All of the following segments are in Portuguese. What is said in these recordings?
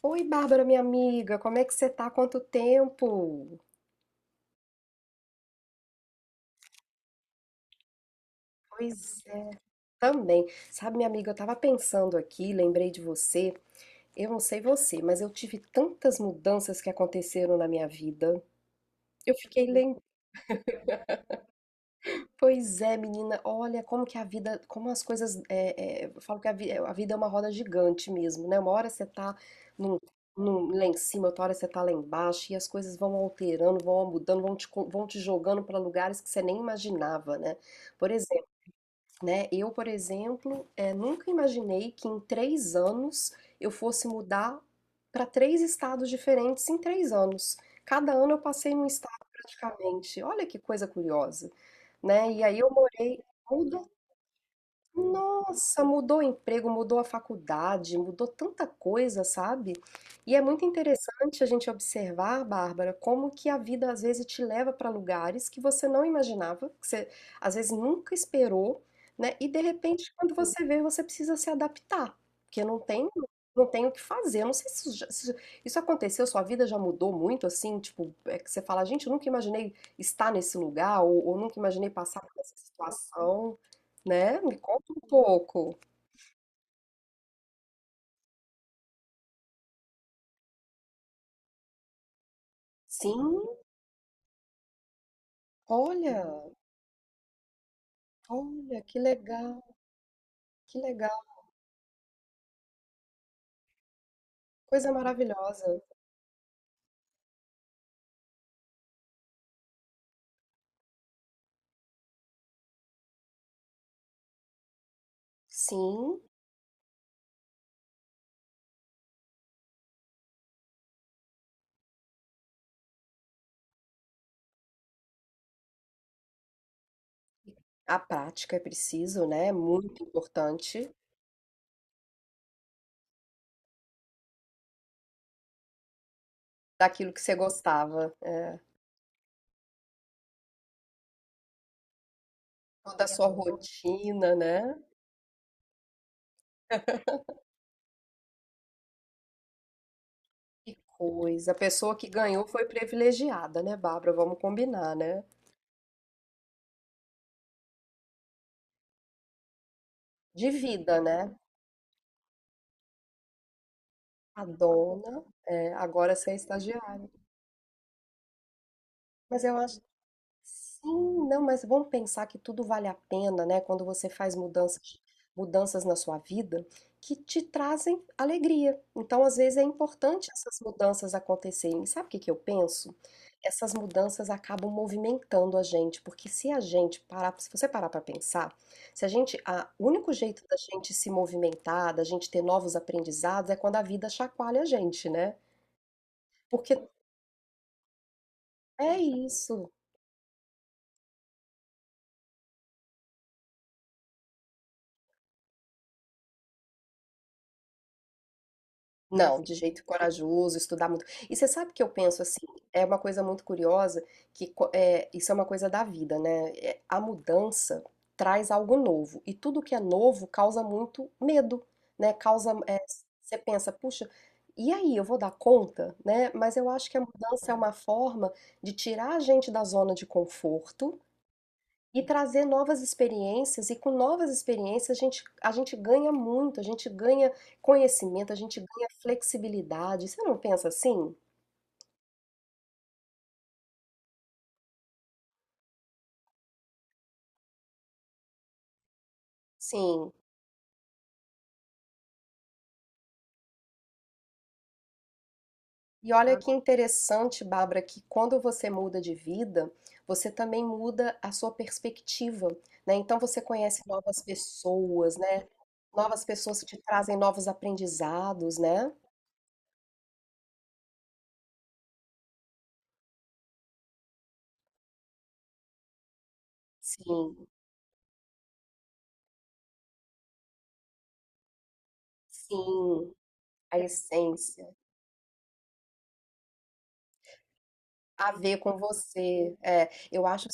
Oi, Bárbara, minha amiga, como é que você tá? Quanto tempo? Pois é, também. Sabe, minha amiga, eu tava pensando aqui, lembrei de você. Eu não sei você, mas eu tive tantas mudanças que aconteceram na minha vida. Eu fiquei lembrando. Pois é, menina, olha como que a vida, como as coisas. É, eu falo que a vida é uma roda gigante mesmo, né? Uma hora você tá num, lá em cima, outra hora você tá lá embaixo, e as coisas vão alterando, vão mudando, vão vão te jogando para lugares que você nem imaginava, né? Por exemplo, né? Eu, por exemplo, nunca imaginei que em três anos eu fosse mudar para três estados diferentes em três anos. Cada ano eu passei num estado praticamente. Olha que coisa curiosa, né? E aí eu morei, nossa, mudou o emprego, mudou a faculdade, mudou tanta coisa, sabe? E é muito interessante a gente observar, Bárbara, como que a vida às vezes te leva para lugares que você não imaginava, que você às vezes nunca esperou, né? E de repente, quando você vê, você precisa se adaptar, porque não tem o que fazer. Eu não sei se se isso aconteceu, sua vida já mudou muito, assim, tipo, é que você fala, gente, eu nunca imaginei estar nesse lugar, ou nunca imaginei passar por essa situação, né? Me conta um pouco. Sim, olha, olha, que legal, coisa maravilhosa. Sim, a prática é preciso, né? É muito importante daquilo que você gostava, é, toda a sua rotina, né? Que coisa. A pessoa que ganhou foi privilegiada, né, Bárbara? Vamos combinar, né? De vida, né? A dona, é, agora você é estagiária. Mas eu acho Sim, não, mas vamos pensar que tudo vale a pena, né? Quando você faz mudanças, mudanças na sua vida que te trazem alegria. Então, às vezes, é importante essas mudanças acontecerem. E sabe o que que eu penso? Essas mudanças acabam movimentando a gente, porque se a gente parar, se você parar para pensar, se a gente, a, o único jeito da gente se movimentar, da gente ter novos aprendizados, é quando a vida chacoalha a gente, né? Porque é isso. Não, de jeito corajoso, estudar muito. E você sabe que eu penso assim, é uma coisa muito curiosa, é, isso é uma coisa da vida, né? É, a mudança traz algo novo, e tudo que é novo causa muito medo, né? Causa, é, você pensa, puxa, e aí, eu vou dar conta, né? Mas eu acho que a mudança é uma forma de tirar a gente da zona de conforto, e trazer novas experiências, e com novas experiências a gente ganha muito, a gente ganha conhecimento, a gente ganha flexibilidade. Você não pensa assim? Sim. E olha que interessante, Bárbara, que quando você muda de vida, você também muda a sua perspectiva, né? Então você conhece novas pessoas, né? Novas pessoas que te trazem novos aprendizados, né? Sim, sim, a essência. A ver com você. É, eu acho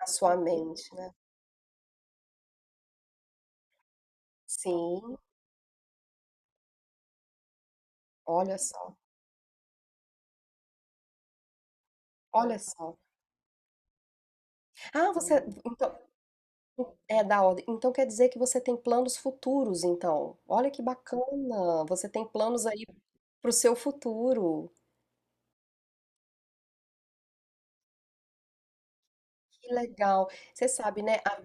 A sua mente, né. Sim, olha só, olha só. Ah, você então é da ordem. Então quer dizer que você tem planos futuros então. Olha que bacana, você tem planos aí para o seu futuro. Que legal. Você sabe, né, a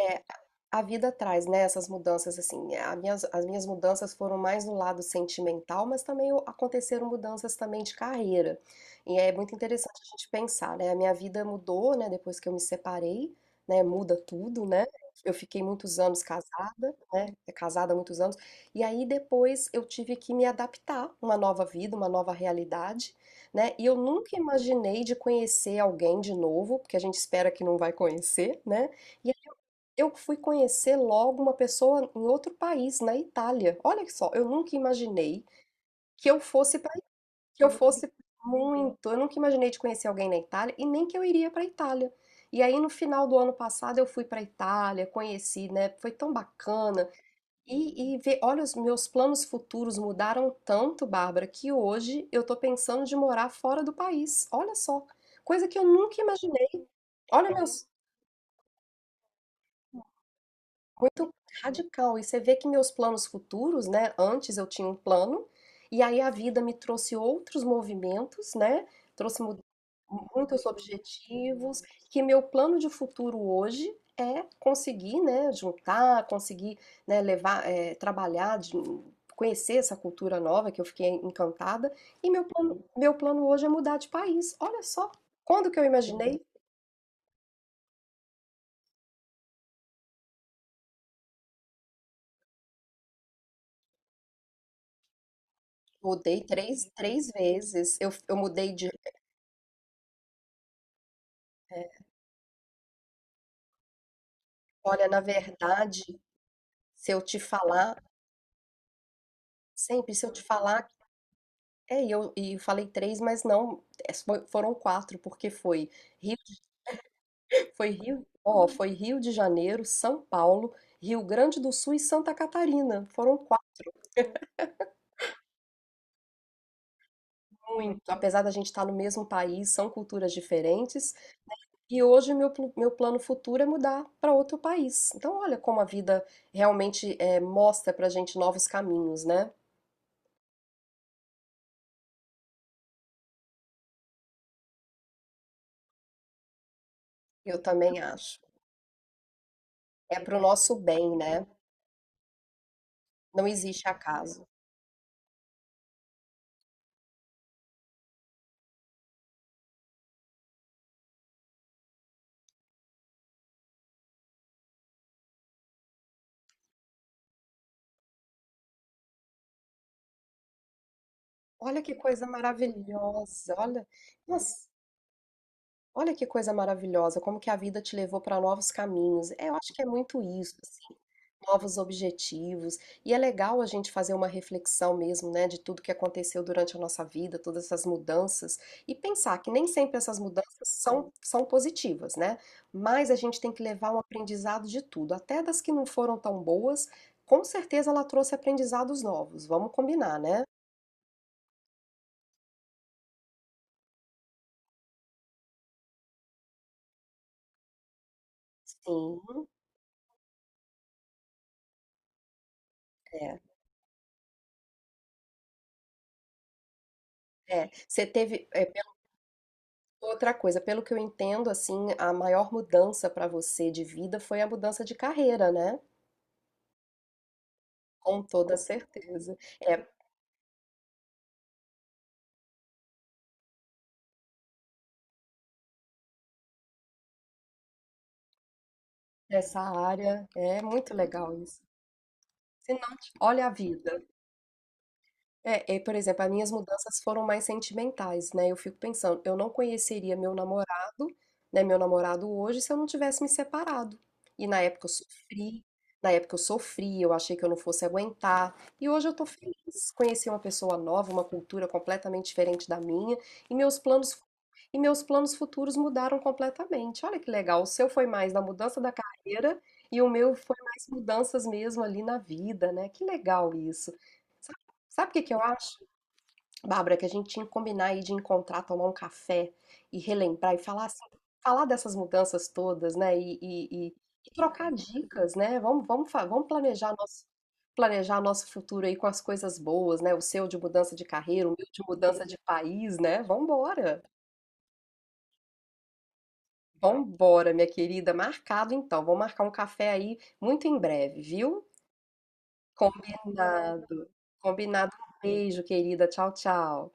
é a vida traz, né, essas mudanças assim, as minhas mudanças foram mais no lado sentimental, mas também aconteceram mudanças também de carreira. E é muito interessante a gente pensar, né, a minha vida mudou, né, depois que eu me separei, né, muda tudo, né? Eu fiquei muitos anos casada, né, casada há muitos anos, e aí depois eu tive que me adaptar uma nova vida, uma nova realidade, né? E eu nunca imaginei de conhecer alguém de novo, porque a gente espera que não vai conhecer, né? E eu fui conhecer logo uma pessoa em outro país, na Itália. Olha só, eu nunca imaginei que eu fosse para que eu fosse muito. Eu nunca imaginei de conhecer alguém na Itália e nem que eu iria para a Itália. E aí no final do ano passado eu fui para a Itália, conheci, né? Foi tão bacana. E ver, olha, os meus planos futuros mudaram tanto, Bárbara, que hoje eu tô pensando de morar fora do país. Olha só, coisa que eu nunca imaginei. Olha meus Muito radical. E você vê que meus planos futuros, né? Antes eu tinha um plano, e aí a vida me trouxe outros movimentos, né? Trouxe mu- muitos objetivos, que meu plano de futuro hoje é conseguir, né, juntar, conseguir, né, levar, trabalhar, conhecer essa cultura nova que eu fiquei encantada. E meu plano hoje é mudar de país. Olha só, quando que eu imaginei? Mudei três vezes. Eu mudei de eh, Olha, na verdade, se eu te falar, sempre se eu te falar, é, e eu falei três, mas não, é, foram quatro, porque foi Rio, foi Rio, ó, foi Rio de Janeiro, São Paulo, Rio Grande do Sul e Santa Catarina. Foram quatro, muito, apesar da gente estar no mesmo país, são culturas diferentes, e hoje meu plano futuro é mudar para outro país. Então, olha como a vida realmente é, mostra pra gente novos caminhos, né? Eu também acho. É pro nosso bem, né? Não existe acaso. Olha que coisa maravilhosa, olha, nossa, olha que coisa maravilhosa, como que a vida te levou para novos caminhos. É, eu acho que é muito isso, assim, novos objetivos. E é legal a gente fazer uma reflexão mesmo, né, de tudo que aconteceu durante a nossa vida, todas essas mudanças, e pensar que nem sempre essas mudanças são positivas, né? Mas a gente tem que levar um aprendizado de tudo, até das que não foram tão boas. Com certeza ela trouxe aprendizados novos, vamos combinar, né? Sim. É, é. Você teve, é, pensou outra coisa, pelo que eu entendo, assim, a maior mudança para você de vida foi a mudança de carreira, né? Com toda certeza. É, essa área é muito legal isso. Se não, olha a vida. É, por exemplo, as minhas mudanças foram mais sentimentais, né? Eu fico pensando, eu não conheceria meu namorado, né? Meu namorado hoje se eu não tivesse me separado. E na época eu sofri, na época eu sofri, eu achei que eu não fosse aguentar. E hoje eu tô feliz, conheci uma pessoa nova, uma cultura completamente diferente da minha, e meus planos e meus planos futuros mudaram completamente. Olha que legal, o seu foi mais da mudança da carreira e o meu foi mais mudanças mesmo ali na vida, né? Que legal isso. Sabe o que que eu acho, Bárbara, que a gente tinha que combinar aí de encontrar, tomar um café e relembrar e falar assim, falar dessas mudanças todas, né? E trocar dicas, né? Vamos, vamos, vamos planejar nosso futuro aí com as coisas boas, né? O seu de mudança de carreira, o meu de mudança de país, né? Vambora! Vambora, minha querida. Marcado então. Vamos marcar um café aí muito em breve, viu? Combinado. Combinado. Um beijo, querida. Tchau, tchau.